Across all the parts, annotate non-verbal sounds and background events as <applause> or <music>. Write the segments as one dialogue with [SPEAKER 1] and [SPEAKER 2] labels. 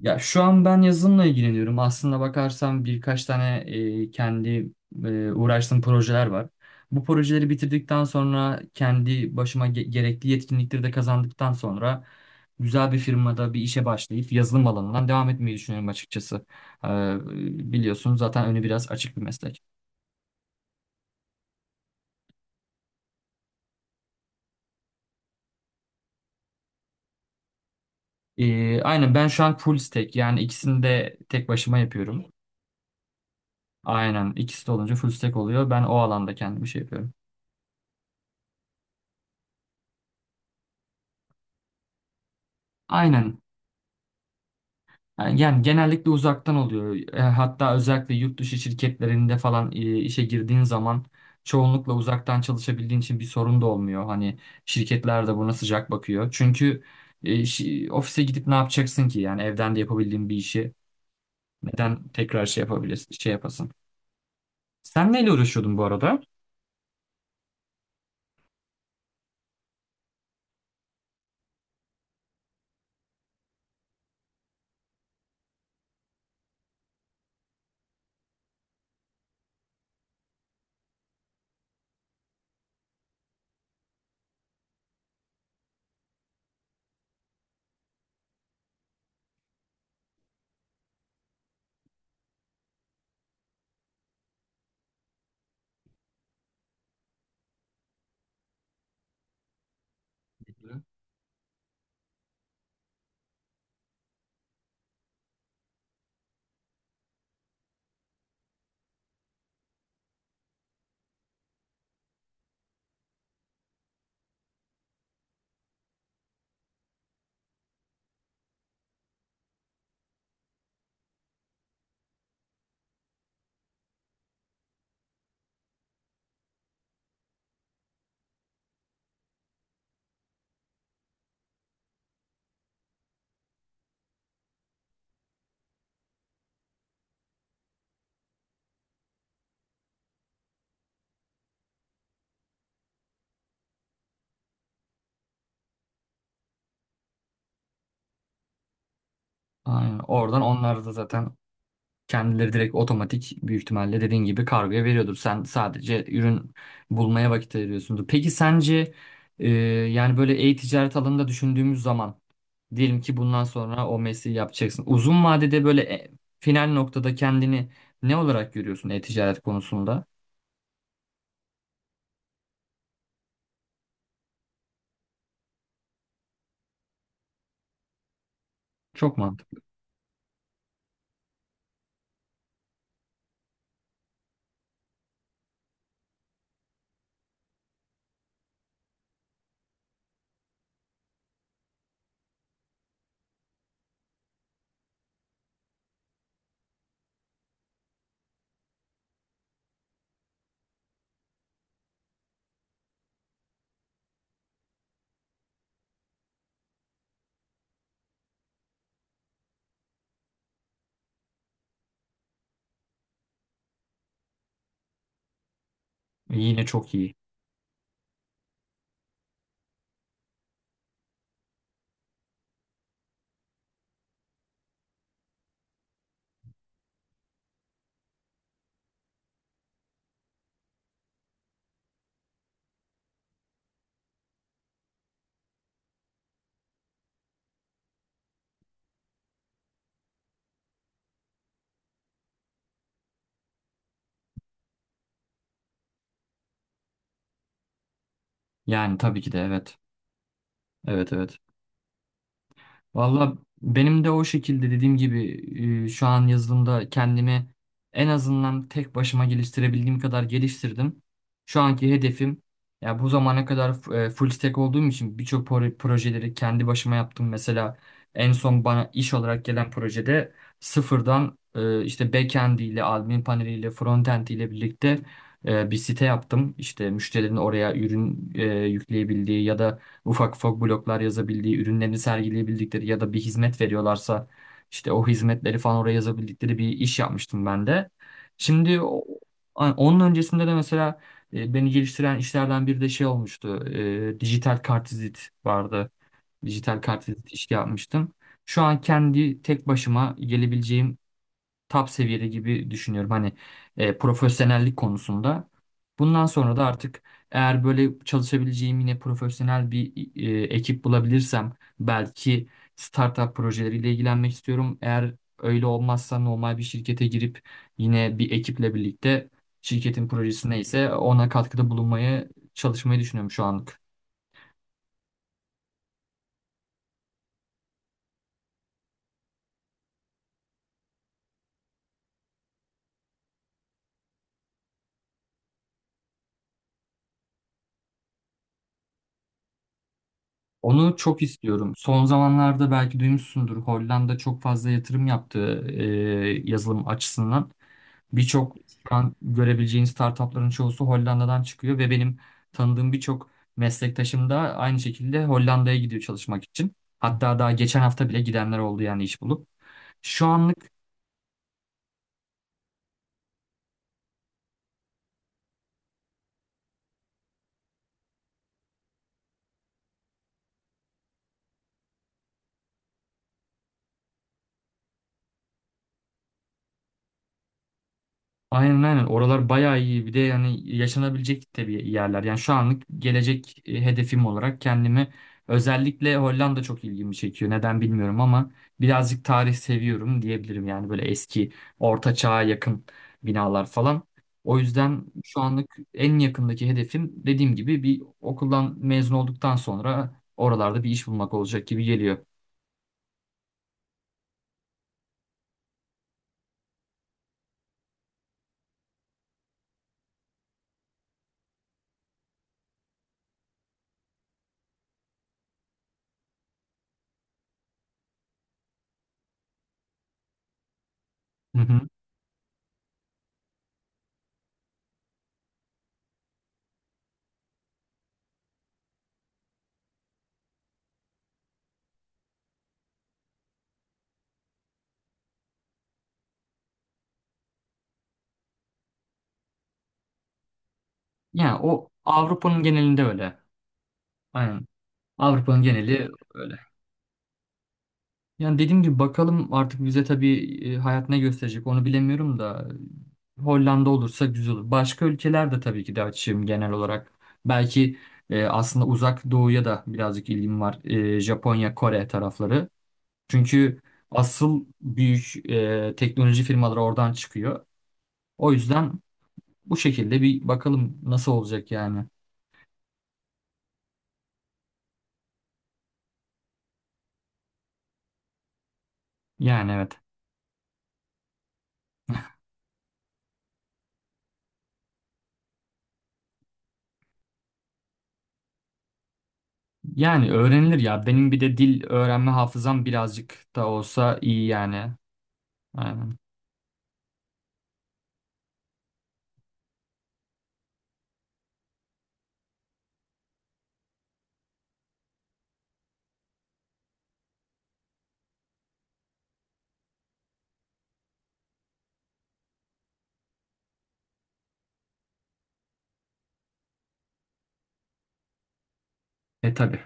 [SPEAKER 1] Ya şu an ben yazılımla ilgileniyorum. Aslında bakarsam birkaç tane kendi uğraştığım projeler var. Bu projeleri bitirdikten sonra kendi başıma gerekli yetkinlikleri de kazandıktan sonra güzel bir firmada bir işe başlayıp yazılım alanından devam etmeyi düşünüyorum açıkçası. Ee, Biliyorsun zaten önü biraz açık bir meslek. Aynen, ben şu an full stack, yani ikisini de tek başıma yapıyorum. Aynen, ikisi de olunca full stack oluyor. Ben o alanda kendimi şey yapıyorum. Aynen. Yani genellikle uzaktan oluyor. E, hatta özellikle yurt dışı şirketlerinde falan işe girdiğin zaman çoğunlukla uzaktan çalışabildiğin için bir sorun da olmuyor. Hani şirketler de buna sıcak bakıyor. Çünkü ofise gidip ne yapacaksın ki? Yani evden de yapabildiğin bir işi neden tekrar şey yapabilirsin, şey yapasın? Sen neyle uğraşıyordun bu arada? Aynen. Oradan onlar da zaten kendileri direkt otomatik, büyük ihtimalle dediğin gibi kargoya veriyordur. Sen sadece ürün bulmaya vakit ayırıyorsundur. Peki sence yani böyle e-ticaret alanında düşündüğümüz zaman, diyelim ki bundan sonra o mesleği yapacaksın, uzun vadede böyle final noktada kendini ne olarak görüyorsun e-ticaret konusunda? Çok mantıklı. Yine çok iyi. Yani tabii ki de, evet. Evet, evet. Valla benim de o şekilde, dediğim gibi, şu an yazılımda kendimi en azından tek başıma geliştirebildiğim kadar geliştirdim. Şu anki hedefim, ya bu zamana kadar full stack olduğum için birçok projeleri kendi başıma yaptım. Mesela en son bana iş olarak gelen projede sıfırdan, işte backend ile, admin paneliyle, frontend ile birlikte bir site yaptım. İşte müşterilerin oraya ürün yükleyebildiği ya da ufak ufak bloklar yazabildiği, ürünlerini sergileyebildikleri ya da bir hizmet veriyorlarsa işte o hizmetleri falan oraya yazabildikleri bir iş yapmıştım ben de. Şimdi onun öncesinde de mesela beni geliştiren işlerden biri de şey olmuştu. E, dijital kartvizit vardı. Dijital kartvizit işi yapmıştım. Şu an kendi tek başıma gelebileceğim top seviyede gibi düşünüyorum. Hani profesyonellik konusunda. Bundan sonra da artık eğer böyle çalışabileceğim yine profesyonel bir ekip bulabilirsem, belki startup projeleriyle ilgilenmek istiyorum. Eğer öyle olmazsa normal bir şirkete girip yine bir ekiple birlikte şirketin projesi neyse ona katkıda bulunmaya çalışmayı düşünüyorum şu anlık. Onu çok istiyorum. Son zamanlarda belki duymuşsundur, Hollanda çok fazla yatırım yaptı yazılım açısından. Birçok, şu an görebileceğiniz startupların çoğusu Hollanda'dan çıkıyor ve benim tanıdığım birçok meslektaşım da aynı şekilde Hollanda'ya gidiyor çalışmak için. Hatta daha geçen hafta bile gidenler oldu, yani iş bulup. Şu anlık aynen, aynen. Oralar bayağı iyi. Bir de yani yaşanabilecek tabii yerler. Yani şu anlık gelecek hedefim olarak kendimi, özellikle Hollanda çok ilgimi çekiyor. Neden bilmiyorum ama birazcık tarih seviyorum diyebilirim. Yani böyle eski, orta çağa yakın binalar falan. O yüzden şu anlık en yakındaki hedefim, dediğim gibi, bir okuldan mezun olduktan sonra oralarda bir iş bulmak olacak gibi geliyor. Hı hı. Yani o Avrupa'nın genelinde öyle. Aynen. Avrupa'nın geneli öyle. Yani dediğim gibi bakalım artık bize tabii, hayat ne gösterecek onu bilemiyorum da, Hollanda olursa güzel olur. Başka ülkeler de tabii ki de açığım genel olarak. Belki, aslında uzak doğuya da birazcık ilgim var. E, Japonya, Kore tarafları. Çünkü asıl büyük teknoloji firmaları oradan çıkıyor. O yüzden bu şekilde bir bakalım nasıl olacak yani. Yani evet. Yani öğrenilir ya. Benim bir de dil öğrenme hafızam birazcık da olsa iyi yani. Aynen. E tabii.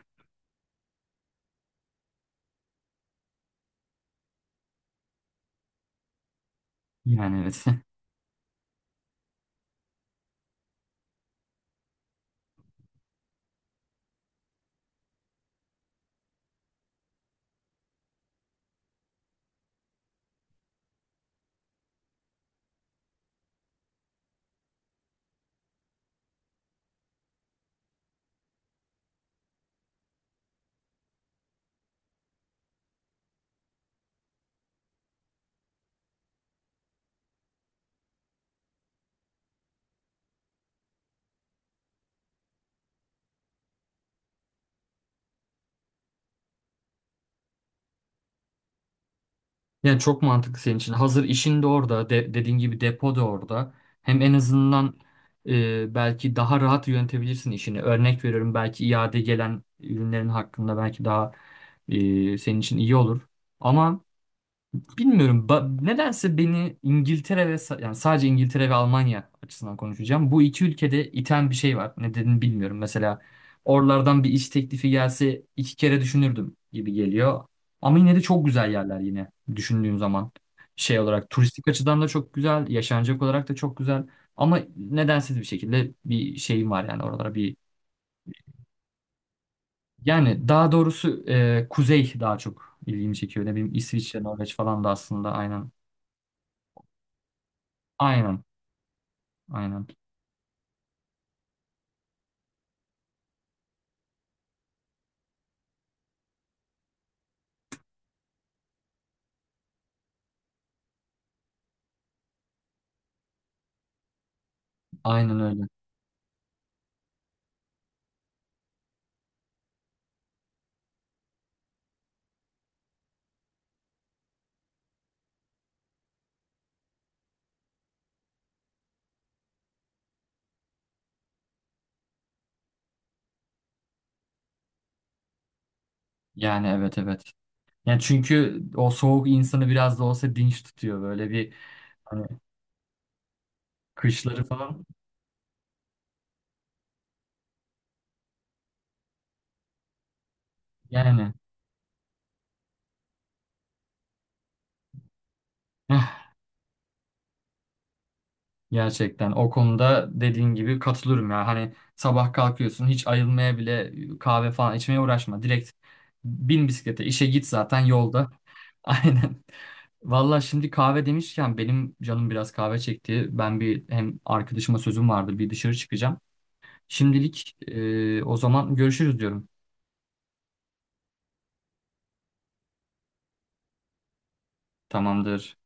[SPEAKER 1] Yani evet. <laughs> Yani çok mantıklı senin için. Hazır işin de orada. Dediğin gibi depo da orada. Hem en azından belki daha rahat yönetebilirsin işini. Örnek veriyorum, belki iade gelen ürünlerin hakkında belki daha senin için iyi olur. Ama bilmiyorum. Nedense beni İngiltere ve yani sadece İngiltere ve Almanya açısından konuşacağım, bu iki ülkede iten bir şey var. Nedenini bilmiyorum. Mesela oralardan bir iş teklifi gelse iki kere düşünürdüm gibi geliyor. Ama yine de çok güzel yerler yine düşündüğüm zaman. Şey olarak turistik açıdan da çok güzel, yaşanacak olarak da çok güzel. Ama nedensiz bir şekilde bir şeyim var yani oralara bir, yani daha doğrusu kuzey daha çok ilgimi çekiyor. Ne bileyim, İsviçre, Norveç falan da aslında aynen. Aynen. Aynen. Aynen öyle. Yani evet, evet. Yani çünkü o soğuk insanı biraz da olsa dinç tutuyor, böyle bir, hani kışları falan. Yani eh, gerçekten o konuda dediğin gibi katılıyorum ya. Hani sabah kalkıyorsun, hiç ayılmaya bile, kahve falan içmeye uğraşma. Direkt bin bisiklete, işe git zaten yolda. <laughs> Aynen. Valla, şimdi kahve demişken benim canım biraz kahve çekti. Ben bir, hem arkadaşıma sözüm vardı, bir dışarı çıkacağım. Şimdilik o zaman görüşürüz diyorum. Tamamdır.